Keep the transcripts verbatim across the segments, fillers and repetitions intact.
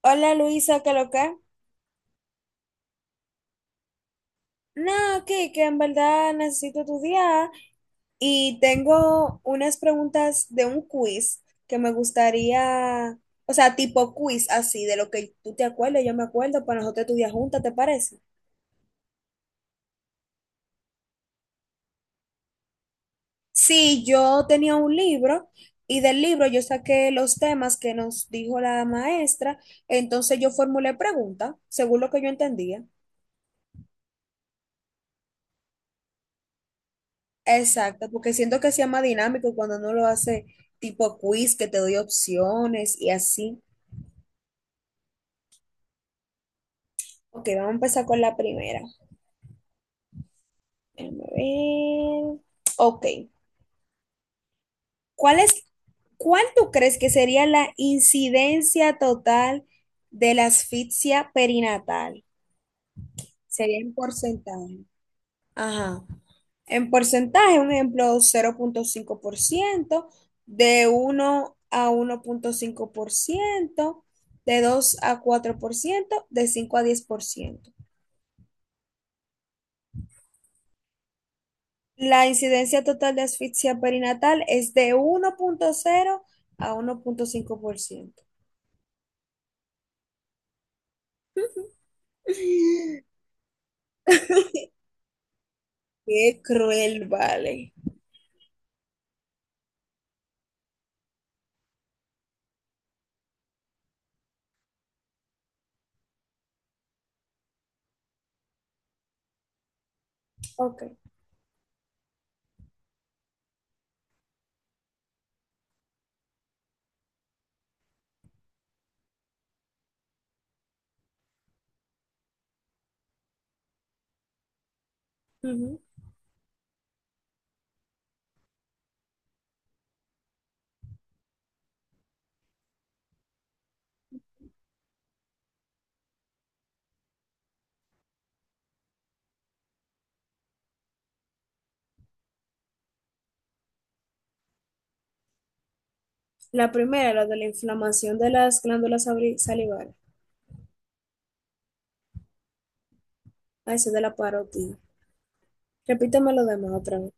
Hola Luisa, ¿qué lo que? No, que que en verdad necesito tu día y tengo unas preguntas de un quiz que me gustaría, o sea, tipo quiz así, de lo que tú te acuerdas, yo me acuerdo, para nosotros estudiar juntas, ¿te parece? Sí, yo tenía un libro y del libro yo saqué los temas que nos dijo la maestra, entonces yo formulé preguntas según lo que yo entendía. Exacto, porque siento que sea más dinámico cuando uno lo hace tipo quiz, que te doy opciones y así. Ok, vamos a empezar con la primera. Déjame ver. Ok, ¿cuál es, cuál tú crees que sería la incidencia total de la asfixia perinatal? Sería en porcentaje. Ajá. En porcentaje, un ejemplo, cero punto cinco por ciento de uno a uno punto cinco por ciento de dos a cuatro por ciento de cinco a diez por ciento. La incidencia total de asfixia perinatal es de uno punto cero a uno punto cinco por ciento. Qué cruel, vale. Ok. Ujú. La primera, la de la inflamación de las glándulas sabri- salivales. Ah, eso es de la parotida. Repítame lo demás otra vez.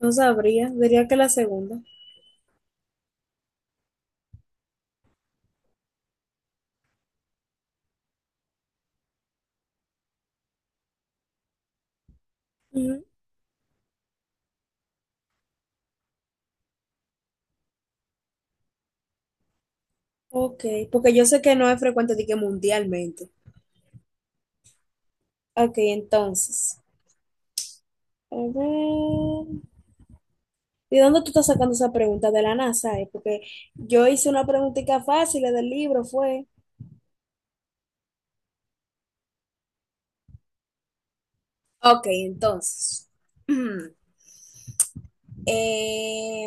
No sabría, diría que la segunda. Ujú. Ok, porque yo sé que no es frecuente, de que mundialmente. Ok, entonces. A ver. ¿De dónde tú estás sacando esa pregunta? ¿De la NASA, eh? Porque yo hice una preguntita fácil del libro, fue. Ok, entonces. Eh,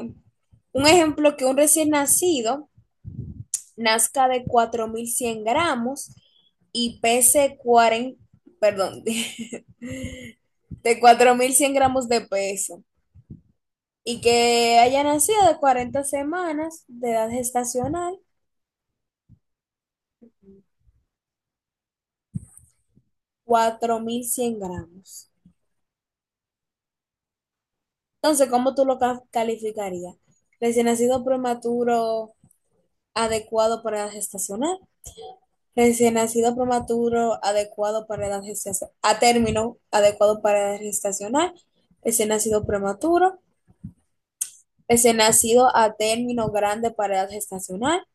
un ejemplo que un recién nacido nazca de cuatro mil cien gramos y pese cuarenta, perdón, de, de cuatro mil cien gramos de peso y que haya nacido de cuarenta semanas de edad gestacional, cuatro mil cien gramos. Entonces, ¿cómo tú lo calificarías? Recién nacido prematuro adecuado para edad gestacional, recién nacido prematuro adecuado para edad gestacional, a término adecuado para edad gestacional, recién nacido prematuro, recién nacido a término grande para edad gestacional,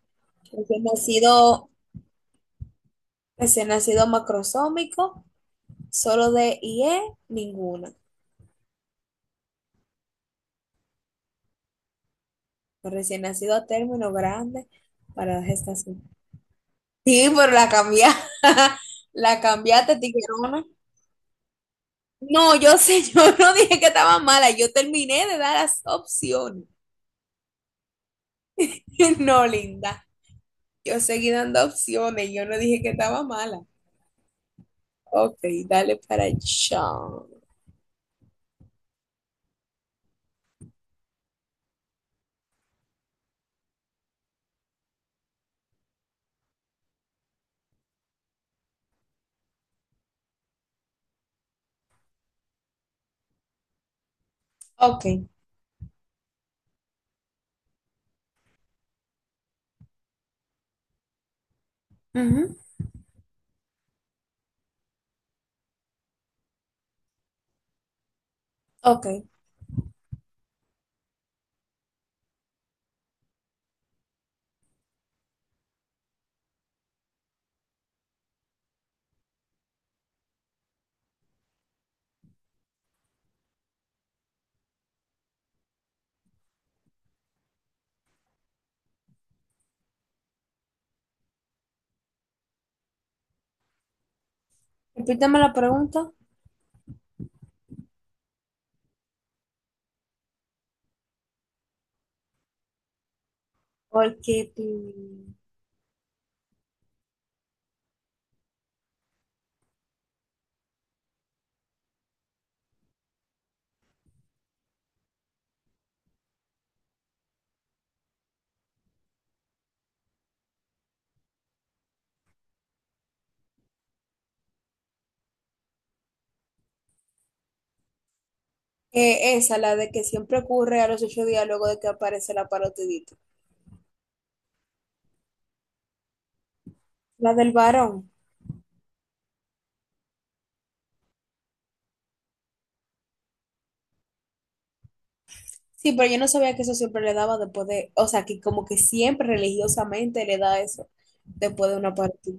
recién nacido, recién nacido macrosómico, solo de I E, ninguna. Recién nacido a término grande para edad gestacional. Sí, pero la cambié, la cambiaste, tiguerona. No, yo sé, yo no dije que estaba mala, yo terminé de dar las opciones. No, linda, yo seguí dando opciones, yo no dije que estaba mala. Ok, dale para allá. Ok, ujú, ok. Repítame la pregunta, porque mm, eh, esa, la de que siempre ocurre a los ocho días luego de que aparece la parotidita. La del varón. Sí, pero yo no sabía que eso siempre le daba después de, o sea, que como que siempre religiosamente le da eso después de una partida.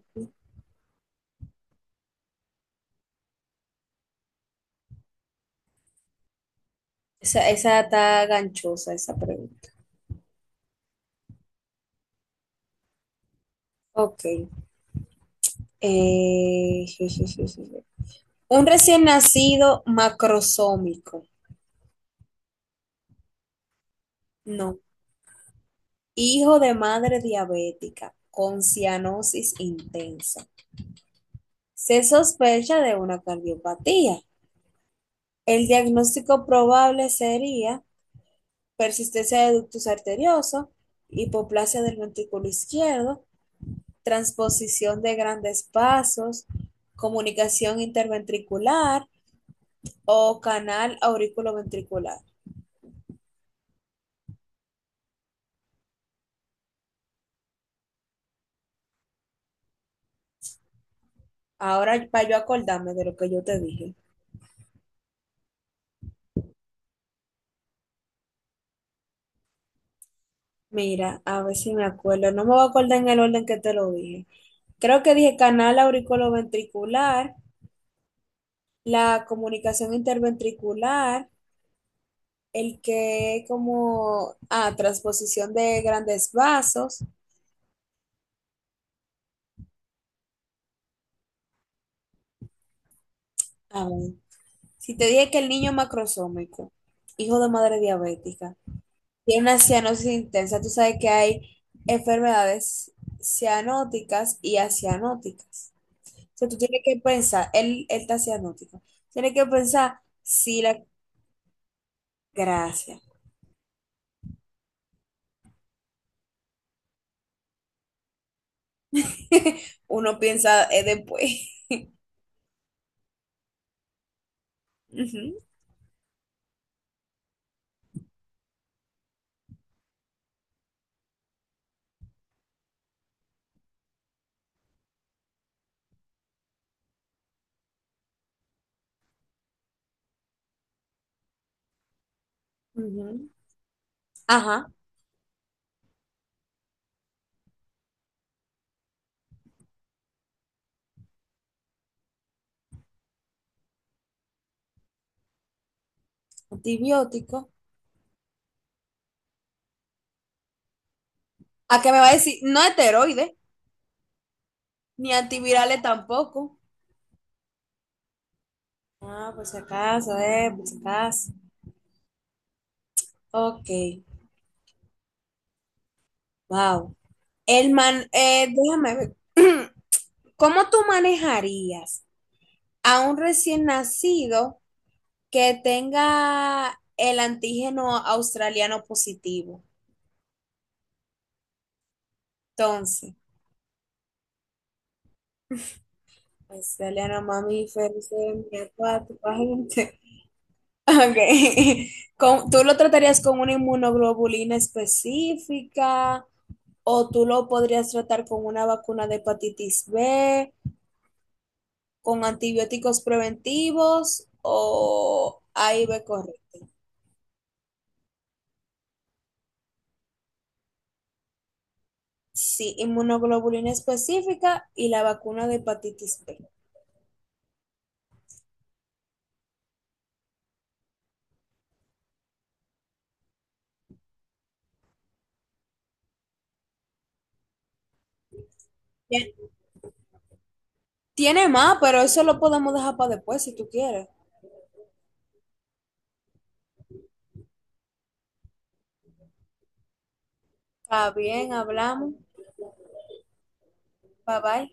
Esa, esa está ganchosa, esa pregunta. Ok. Eh, je, je, je, je, je. Un recién nacido macrosómico. No. Hijo de madre diabética con cianosis intensa. Se sospecha de una cardiopatía. El diagnóstico probable sería persistencia de ductus arterioso, hipoplasia del ventrículo izquierdo, transposición de grandes vasos, comunicación interventricular o canal auriculoventricular. Ahora, para yo acordarme de lo que yo te dije, mira, a ver si me acuerdo, no me voy a acordar en el orden que te lo dije. Creo que dije canal auriculoventricular, la comunicación interventricular, el que como, ah, transposición de grandes vasos. A ver, si te dije que el niño macrosómico, hijo de madre diabética, tiene una cianosis intensa, tú sabes que hay enfermedades cianóticas y acianóticas. O sea, tú tienes que pensar, él, él está cianótico, tienes que pensar si la gracia. Uno piensa eh, después. Ujú, ujú. Ajá, antibiótico. ¿A qué me va a decir? No heteroide. Ni antivirales tampoco. Ah, por si acaso, eh, por si acaso. Ok, wow. El man, eh, déjame ver. ¿Cómo tú manejarías a un recién nacido que tenga el antígeno australiano positivo? Entonces, australiano mamífero, semia, acuático, agente. Ok. Con- ¿Tú lo tratarías con una inmunoglobulina específica? O tú lo podrías tratar con una vacuna de hepatitis B, con antibióticos preventivos o A I B correcta. Sí, inmunoglobulina específica y la vacuna de hepatitis B. Bien, tiene más, pero eso lo podemos dejar para después si tú quieres. Está bien, hablamos. Bye bye.